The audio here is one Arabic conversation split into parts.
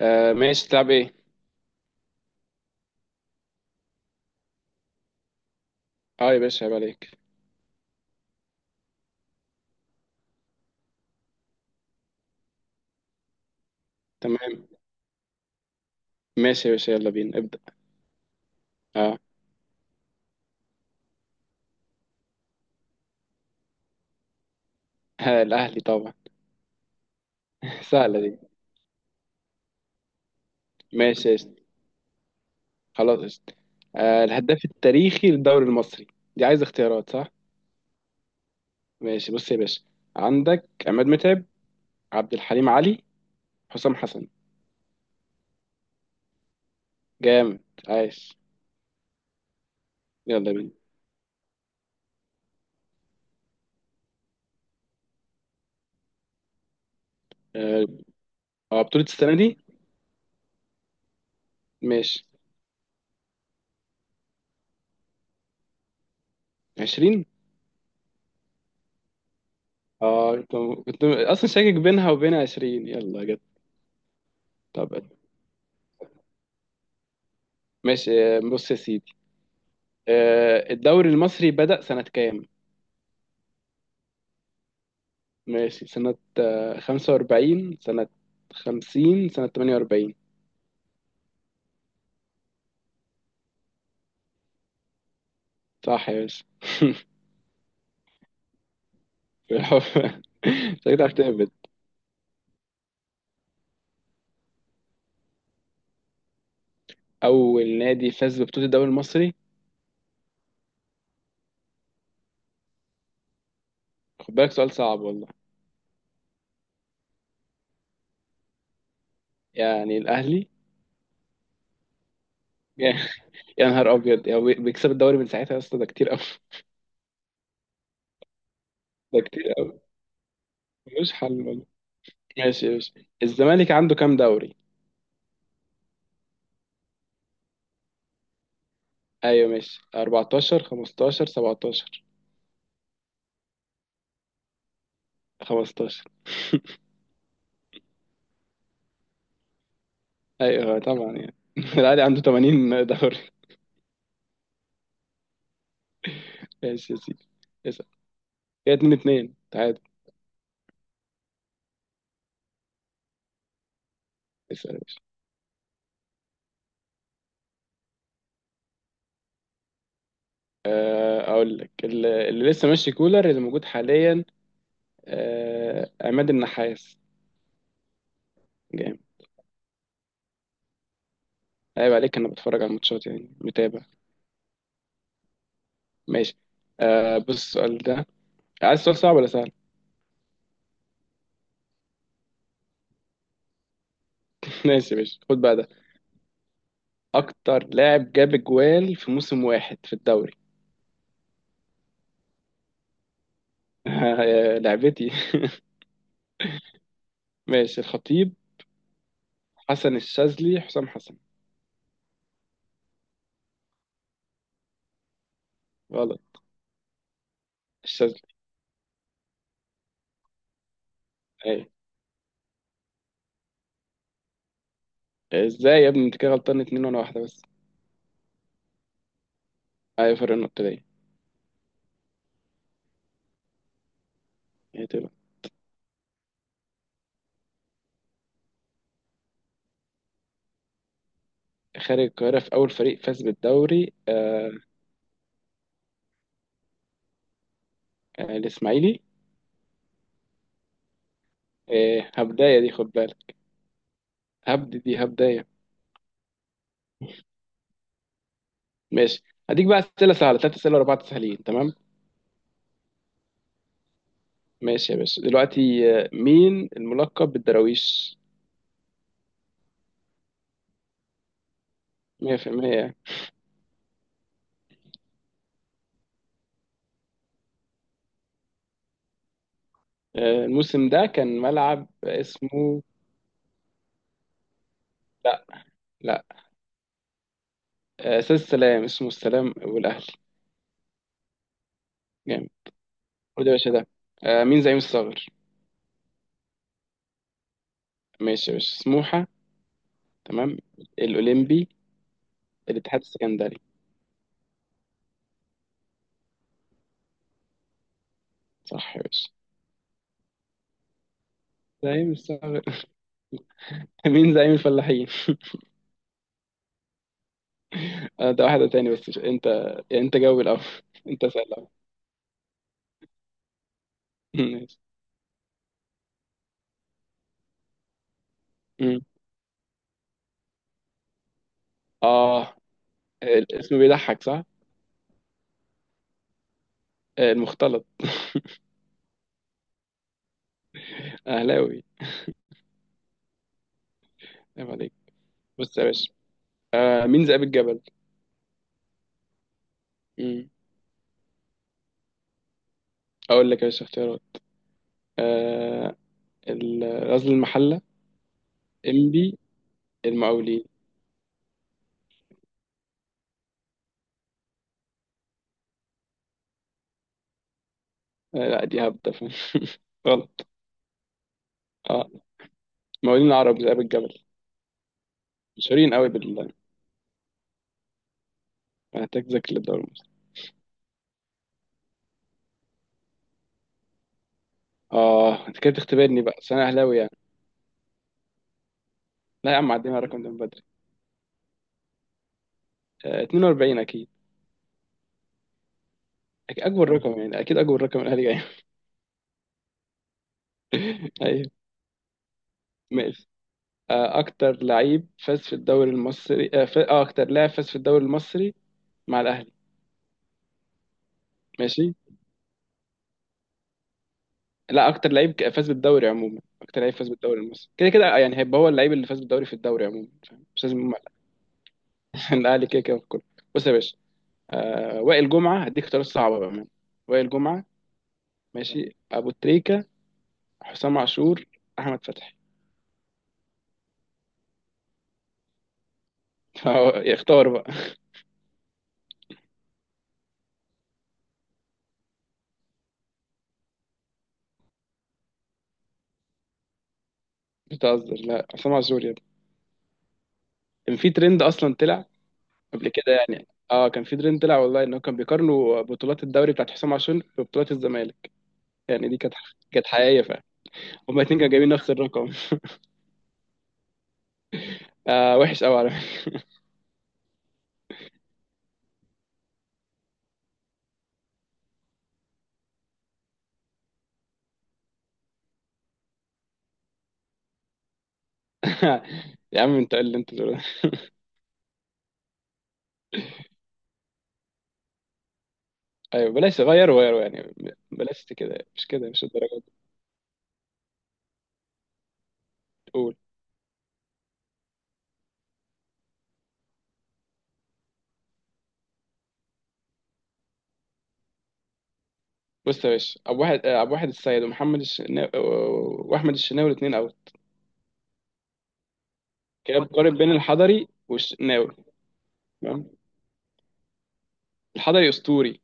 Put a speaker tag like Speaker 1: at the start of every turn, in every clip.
Speaker 1: آه، ماشي، تلعب ايه؟ اه يا باشا عيب عليك. تمام. ماشي يا باشا يلا بينا ابدأ. اه. ها، الأهلي طبعا. سهلة دي. ماشي يا اسطى. خلاص قشطة. آه الهداف التاريخي للدوري المصري، دي عايز اختيارات صح؟ ماشي بص يا باشا، عندك عماد متعب، عبد الحليم علي، حسام حسن، جامد، عايش. يلا بينا. اه. بطولة السنة دي؟ ماشي. 20. اه كنت أصلا شاكك بينها وبين 20 يلا جت. طب ماشي. بص يا سيدي، الدوري المصري بدأ سنة كام؟ ماشي سنة 45 سنة، 50 سنة، 48. صح يا باشا. بالحب. شكلك عرفت تهبد. أول نادي فاز ببطولة الدوري المصري؟ خد بالك سؤال صعب والله. يعني الأهلي. يا نهار أبيض، يعني بيكسب الدوري من ساعتها يا اسطى، ده كتير أوي. ده كتير أوي، ملوش حل والله. ماشي ماشي. الزمالك عنده كام دوري؟ أيوه ماشي، 14، 15، 17. 15. ايوه طبعا يعني. الاهلي عنده 80 دوري. ماشي يا سيدي. اسال. كده 2 2 تعادل. اسال يا باشا. آه، اقول لك اللي لسه ماشي كولر اللي موجود حاليا. آه، عماد النحاس. جامد. عيب عليك، انا بتفرج على الماتشات يعني، متابع. ماشي. آه، بص السؤال ده، عايز سؤال صعب ولا سهل؟ ماشي يا باشا، خد بقى ده. اكتر لاعب جاب اجوال في موسم واحد في الدوري. آه، لعبتي. ماشي، الخطيب، حسن الشاذلي، حسام حسن. غلط. الشاذلي. اي. ازاي يا ابني، انت كده غلطان اتنين وانا واحدة بس. ايوه فرق النقطة ليا. هي تبقى خارج القاهرة في أول فريق فاز بالدوري. آه. آه الإسماعيلي. آه هبداية دي خد بالك، هبد دي هبداية. ماشي، هديك بقى أسئلة سهلة، تلات أسئلة ورا بعض سهلين، تمام؟ ماشي يا باشا، دلوقتي آه مين الملقب بالدراويش؟ 100%. آه الموسم ده كان ملعب اسمه. لا. لا. آه أستاذ السلام، اسمه السلام والأهلي. جامد. خد يا باشا ده، آه مين زعيم الصغر؟ ماشي يا باشا، سموحة، تمام، الأولمبي، الاتحاد السكندري. صح يا باشا. زعيم الثغر. مين زعيم الفلاحين؟ آه، ده واحدة تاني، بس مش انت، انت جاوب الأول. انت سأل الأول. ماشي. مم. اه. الاسم بيضحك صح؟ آه، المختلط. أهلاوي. عيب عليك. بص يا باشا، آه، مين ذئاب الجبل؟ مم. أقول لك يا باشا اختيارات، آه، غزل المحلة، إنبي، المقاولين. آه لا دي هبدة. غلط. اه مقاولين العرب، ذئاب الجبل، مشهورين قوي. محتاج ذاكر للدوري المصري. اه انت كده بتختبرني بقى، بس انا اهلاوي يعني. لا يا عم، عدينا على الرقم ده من بدري. آه 42 اكيد. اكبر رقم يعني، اكيد اكبر رقم الاهلي جاي. ايوه. ماشي. آه اكتر لعيب فاز في الدوري المصري، اه آه، اكتر لاعب فاز في الدوري المصري مع الاهلي. ماشي. لا اكتر لعيب فاز بالدوري عموما، اكتر لعيب فاز بالدوري المصري كده كده يعني، هيبقى هو اللعيب اللي فاز بالدوري في الدوري عموما، فاهم؟ مش لازم الاهلي كده كده في الكوره. بص يا باشا، آه وائل جمعه، هديك اختيارات صعبه بقى. وائل جمعه، ماشي، ابو تريكه، حسام عاشور، احمد فتحي. فهو اختار بقى. بتهزر، لا حسام عاشور يا ابني. كان في ترند اصلا طلع، قبل كده يعني، اه كان في ترند طلع والله، انه كان بيقارنوا بطولات الدوري بتاعت حسام عاشور ببطولات الزمالك. يعني دي كانت كانت حقيقيه فعلا. هما الاثنين كانوا جايبين نفس الرقم. آه وحش قوي على فكرة. يا عم انت إيه اللي انت تقوله ده. ايوه بلاش، غير غير يعني، بلاش كده، مش كده، مش الدرجه دي. قول. بص يا باشا، ابو واحد، ابو واحد السيد ومحمد الشناوي واحمد الشناوي، الاثنين اوت. كده بتقارن بين الحضري والشناوي. تمام. الحضري اسطوري،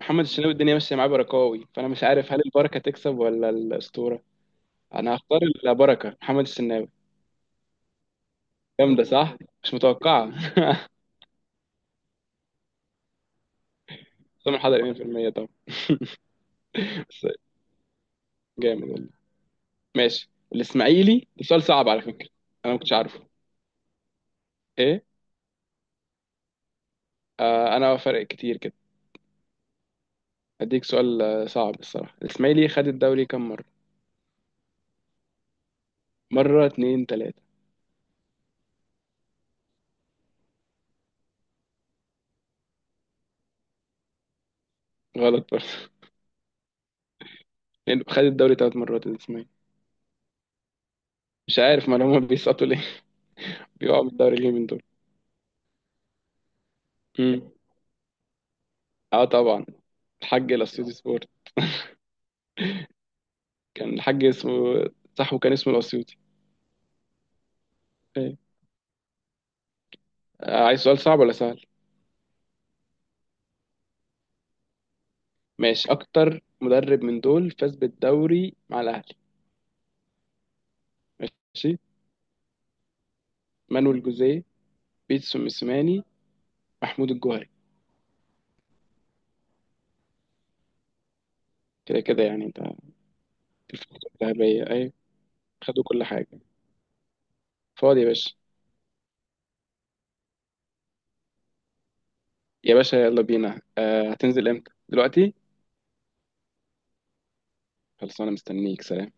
Speaker 1: محمد الشناوي الدنيا ماشيه معاه بركاوي، فانا مش عارف هل البركه تكسب ولا الاسطوره. انا هختار البركه، محمد الشناوي. جامده صح، مش متوقعه. طبعا الحضري 100% طبعا. بس. جامد والله. ماشي، الاسماعيلي ده سؤال صعب على فكره. انا ما كنتش عارفه. ايه. آه انا فرق كتير كده. اديك سؤال آه، صعب الصراحه، الاسماعيلي خد الدوري كام مره؟ مره، اتنين، تلاته. غلط برضه. لأنه خد الدوري تلات مرات الاسماعيلي. مش عارف ما هم بيسقطوا ليه، بيقعوا من الدوري ليه من دول. مم. اه طبعا. الحاج الاسيوطي سبورت. كان الحاج اسمه، صح، وكان اسمه الاسيوطي. أيوة. آه، عايز سؤال صعب ولا سهل؟ ماشي، اكتر مدرب من دول فاز بالدوري مع الاهلي. ماشي. مانويل جوزيه، بيتسو موسيماني، محمود الجوهري. كده كده يعني انت. في الفترة الذهبية، ايوه. خدوا كل حاجة. فاضي يا باشا. يا باشا يلا بينا، آه هتنزل امتى، دلوقتي؟ خلاص انا مستنيك، سلام.